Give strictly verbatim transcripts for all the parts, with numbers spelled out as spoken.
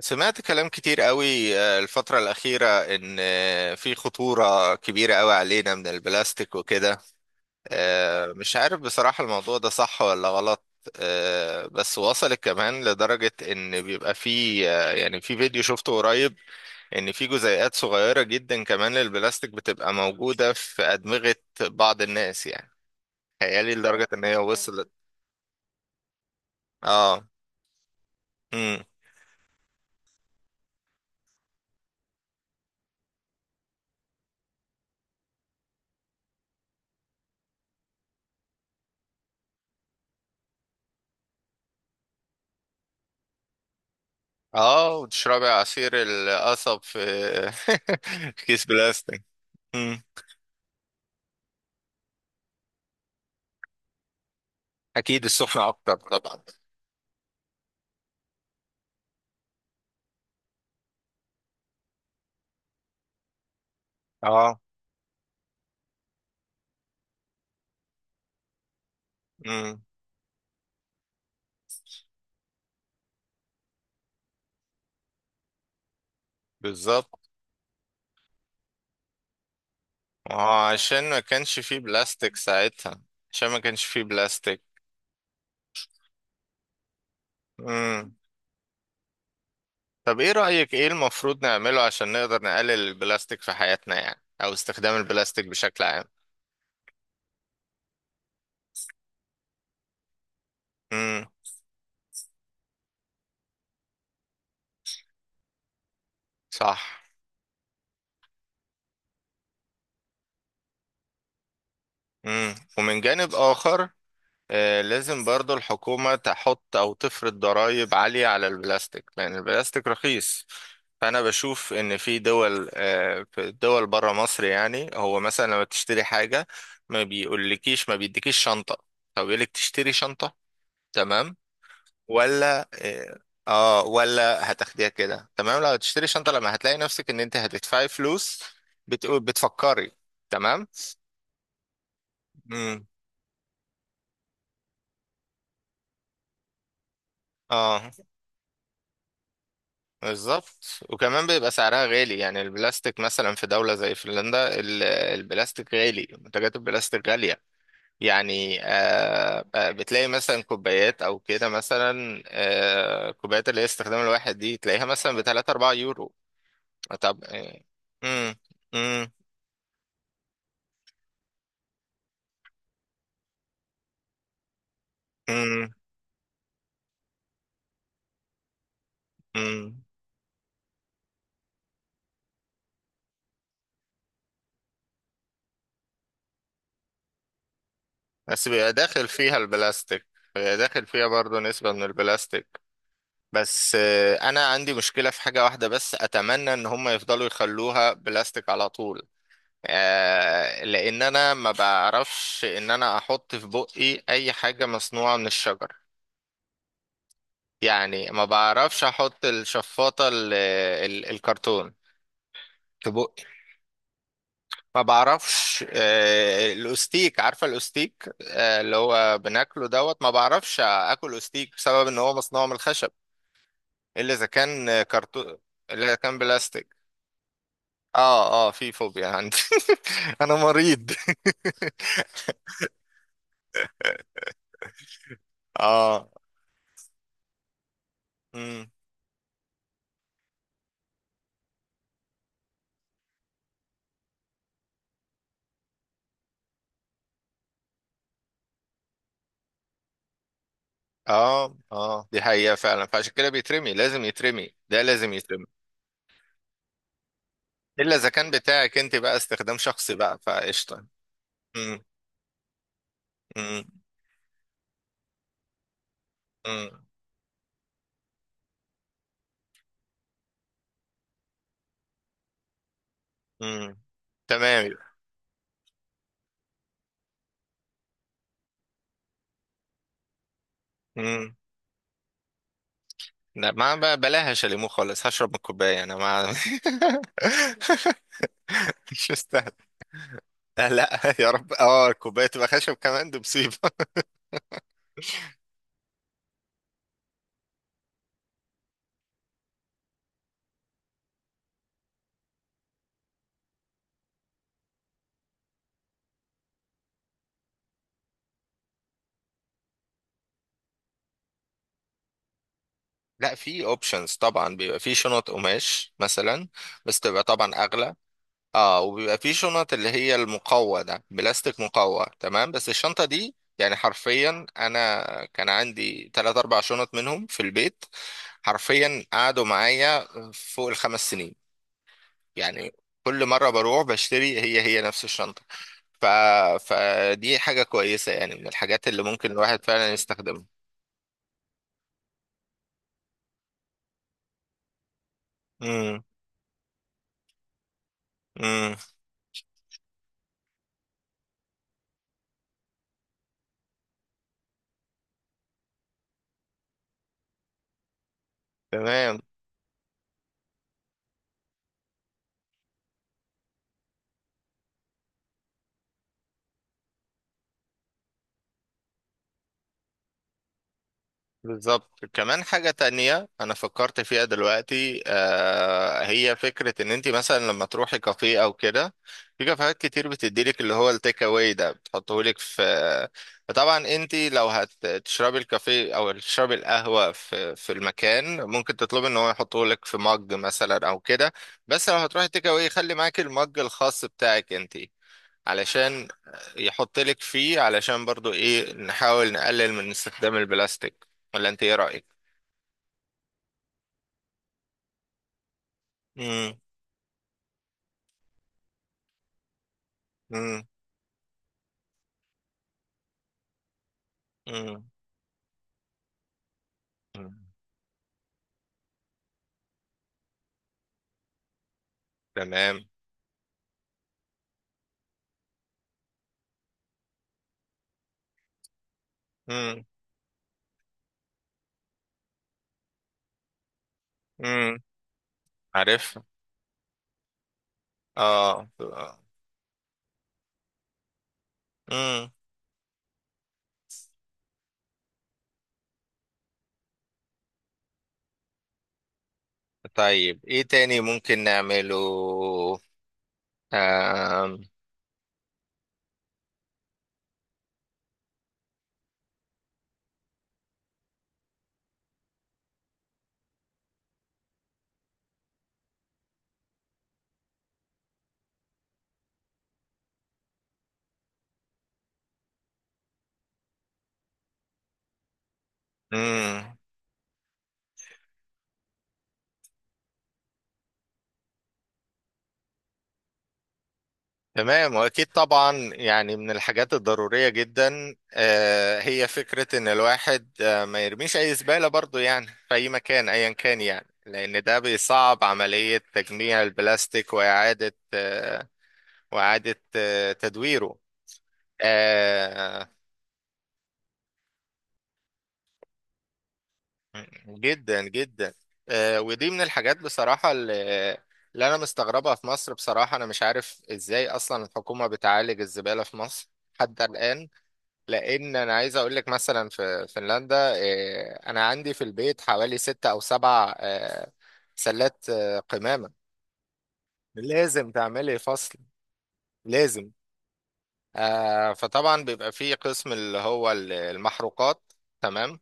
سمعت كلام كتير قوي آه، الفترة الأخيرة، إن آه، في خطورة كبيرة قوي علينا من البلاستيك وكده. آه، مش عارف بصراحة الموضوع ده صح ولا غلط. آه، بس وصلت كمان لدرجة إن بيبقى في، آه، يعني في فيديو شفته قريب، إن في جزيئات صغيرة جدا كمان للبلاستيك بتبقى موجودة في أدمغة بعض الناس يعني. تخيلي لدرجة إن هي وصلت. آه. مم. اه، وتشربي عصير القصب في في كيس بلاستيك. مم. اكيد السخنة اكتر طبعا. اه. مم. بالظبط. اه، عشان ما كانش فيه بلاستيك ساعتها. عشان ما كانش فيه بلاستيك. مم. طب ايه رأيك، ايه المفروض نعمله عشان نقدر نقلل البلاستيك في حياتنا يعني، او استخدام البلاستيك بشكل عام؟ مم. صح. مم. ومن جانب اخر، آه، لازم برضو الحكومة تحط أو تفرض ضرائب عالية على البلاستيك لأن البلاستيك رخيص. فأنا بشوف إن في دول، آه، في دول برا مصر، يعني هو مثلا لما تشتري حاجة ما بيقولكيش، ما بيديكيش شنطة، هو بيقولك تشتري شنطة. تمام؟ ولا آه، آه، ولا هتاخديها كده. تمام. لو هتشتري شنطة، لما هتلاقي نفسك إن أنت هتدفعي فلوس، بتقول، بتفكري. تمام. مم. اه. بالظبط. وكمان بيبقى سعرها غالي. يعني البلاستيك مثلا في دولة زي فنلندا ال- البلاستيك غالي، منتجات البلاستيك غالية. يعني آه آه، بتلاقي مثلا كوبايات او كده، مثلا آه كوبايات اللي هي استخدام الواحد دي، تلاقيها مثلا بتلاتة أربعة يورو. طب، آه، مم، مم، مم، مم. بس بيبقى داخل فيها البلاستيك. بيبقى داخل فيها برضو نسبة من البلاستيك. بس آه، انا عندي مشكلة في حاجة واحدة بس، اتمنى ان هم يفضلوا يخلوها بلاستيك على طول. آه، لان انا ما بعرفش ان انا احط في بقي اي حاجة مصنوعة من الشجر. يعني ما بعرفش احط الشفاطة ال- ال- الكرتون في بقي. ما بعرفش آه، الاستيك، عارفة الاستيك، آه، اللي هو بناكله دوت، ما بعرفش اكل استيك بسبب ان هو مصنوع من الخشب. الا اذا كان كرتون. الا اذا كان بلاستيك. اه، اه في فوبيا عندي. انا مريض. اه. امم. اه، اه دي حقيقة فعلا، فعشان كده بيترمي، لازم يترمي، ده لازم يترمي. الا اذا كان بتاعك انت بقى، استخدام شخصي بقى فقشطة. امم. امم. امم. امم. تمام. امم. لا، ما بقى بلاهاش ليمو خالص، هشرب من الكوباية انا، ما... مش مستاهل. لا لا، يا رب، اه الكوباية تبقى خشب كمان دي مصيبة. لا، في اوبشنز طبعا، بيبقى في شنط قماش مثلا. بس تبقى طبعا اغلى. اه، وبيبقى في شنط اللي هي المقوى ده، بلاستيك مقوى. تمام. بس الشنطة دي يعني حرفيا انا كان عندي تلات اربع شنط منهم في البيت. حرفيا قعدوا معايا فوق الخمس سنين يعني. كل مرة بروح بشتري هي هي نفس الشنطة. ف... فدي حاجة كويسة يعني، من الحاجات اللي ممكن الواحد فعلا يستخدمها. امم. امم. تمام. بالظبط. كمان حاجة تانية أنا فكرت فيها دلوقتي، آه هي فكرة إن أنت مثلا لما تروحي كافيه أو كده، في كافيهات كتير بتديلك اللي هو التيك أواي ده، بتحطهولك في... فطبعا أنت لو هتشربي الكافيه أو تشربي القهوة في في المكان، ممكن تطلبي إن هو يحطهولك في مج مثلا أو كده. بس لو هتروحي تيك أواي، خلي معاكي المج الخاص بتاعك أنت، علشان يحط لك فيه، علشان برضو ايه، نحاول نقلل من استخدام البلاستيك. ولا انت ايه رأيك؟ مم. مم. مم. مم. تمام. مم. مم. عارف. اه. مم. طيب ايه تاني ممكن نعمله؟ آم. مم. تمام. واكيد طبعا، يعني من الحاجات الضروريه جدا، آه، هي فكره ان الواحد آه، ما يرميش اي زباله برضو يعني في اي مكان ايا كان يعني، لان ده بيصعب عمليه تجميع البلاستيك واعاده، آه، واعاده آه، تدويره. آه، جدا جدا. آه، ودي من الحاجات بصراحه اللي، اللي انا مستغربها في مصر بصراحه. انا مش عارف ازاي اصلا الحكومه بتعالج الزباله في مصر حتى الان. لان انا عايز اقول لك، مثلا في فنلندا، آه، انا عندي في البيت حوالي ستة او سبع آه، سلات آه، قمامة. لازم تعملي فصل، لازم. آه، فطبعا بيبقى فيه قسم اللي هو ال- المحروقات. تمام.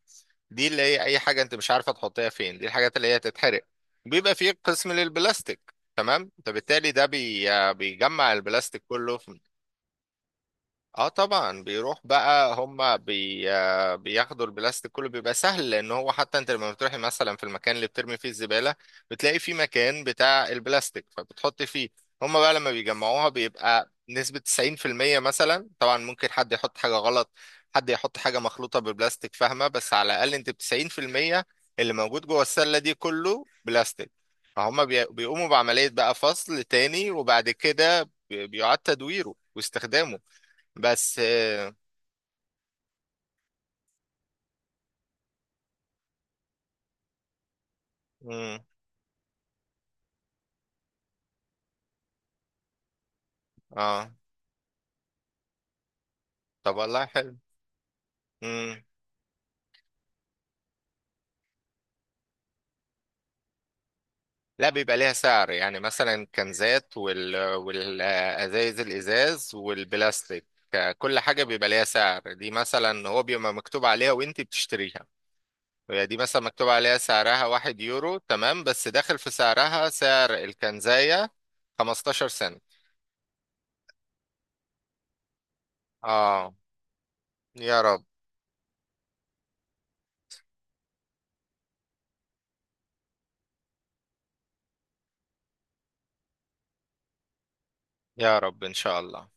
دي اللي هي اي حاجة انت مش عارفة تحطيها فين، دي الحاجات اللي هي تتحرق. بيبقى فيه قسم للبلاستيك. تمام. فبالتالي ده بي- آه، بيجمع البلاستيك كله. اه طبعا، بيروح بقى هما بي آه بياخدوا البلاستيك كله، بيبقى سهل. لان هو حتى انت لما بتروحي مثلا في المكان اللي بترمي فيه الزبالة، بتلاقي فيه مكان بتاع البلاستيك فبتحطي فيه. هما بقى لما بيجمعوها بيبقى نسبة تسعين في المية مثلا. طبعا ممكن حد يحط حاجة غلط، حد يحط حاجة مخلوطة بالبلاستيك، فاهمة؟ بس على الأقل انت ب تسعين في المية اللي موجود جوه السلة دي كله بلاستيك. فهم بي- بيقوموا بعملية بقى فصل تاني، وبعد كده بي- بيعاد تدويره واستخدامه. بس. امم. اه. طب والله حلو. امم. لا، بيبقى ليها سعر. يعني مثلا الكنزات وال والازايز، الازاز والبلاستيك، ك- كل حاجه بيبقى ليها سعر. دي مثلا هو بيبقى مكتوب عليها وانت بتشتريها. هي دي مثلا مكتوب عليها سعرها واحد يورو، تمام، بس داخل في سعرها سعر الكنزايه خمستاشر سنت. اه. يا رب. يا رب ان شاء الله.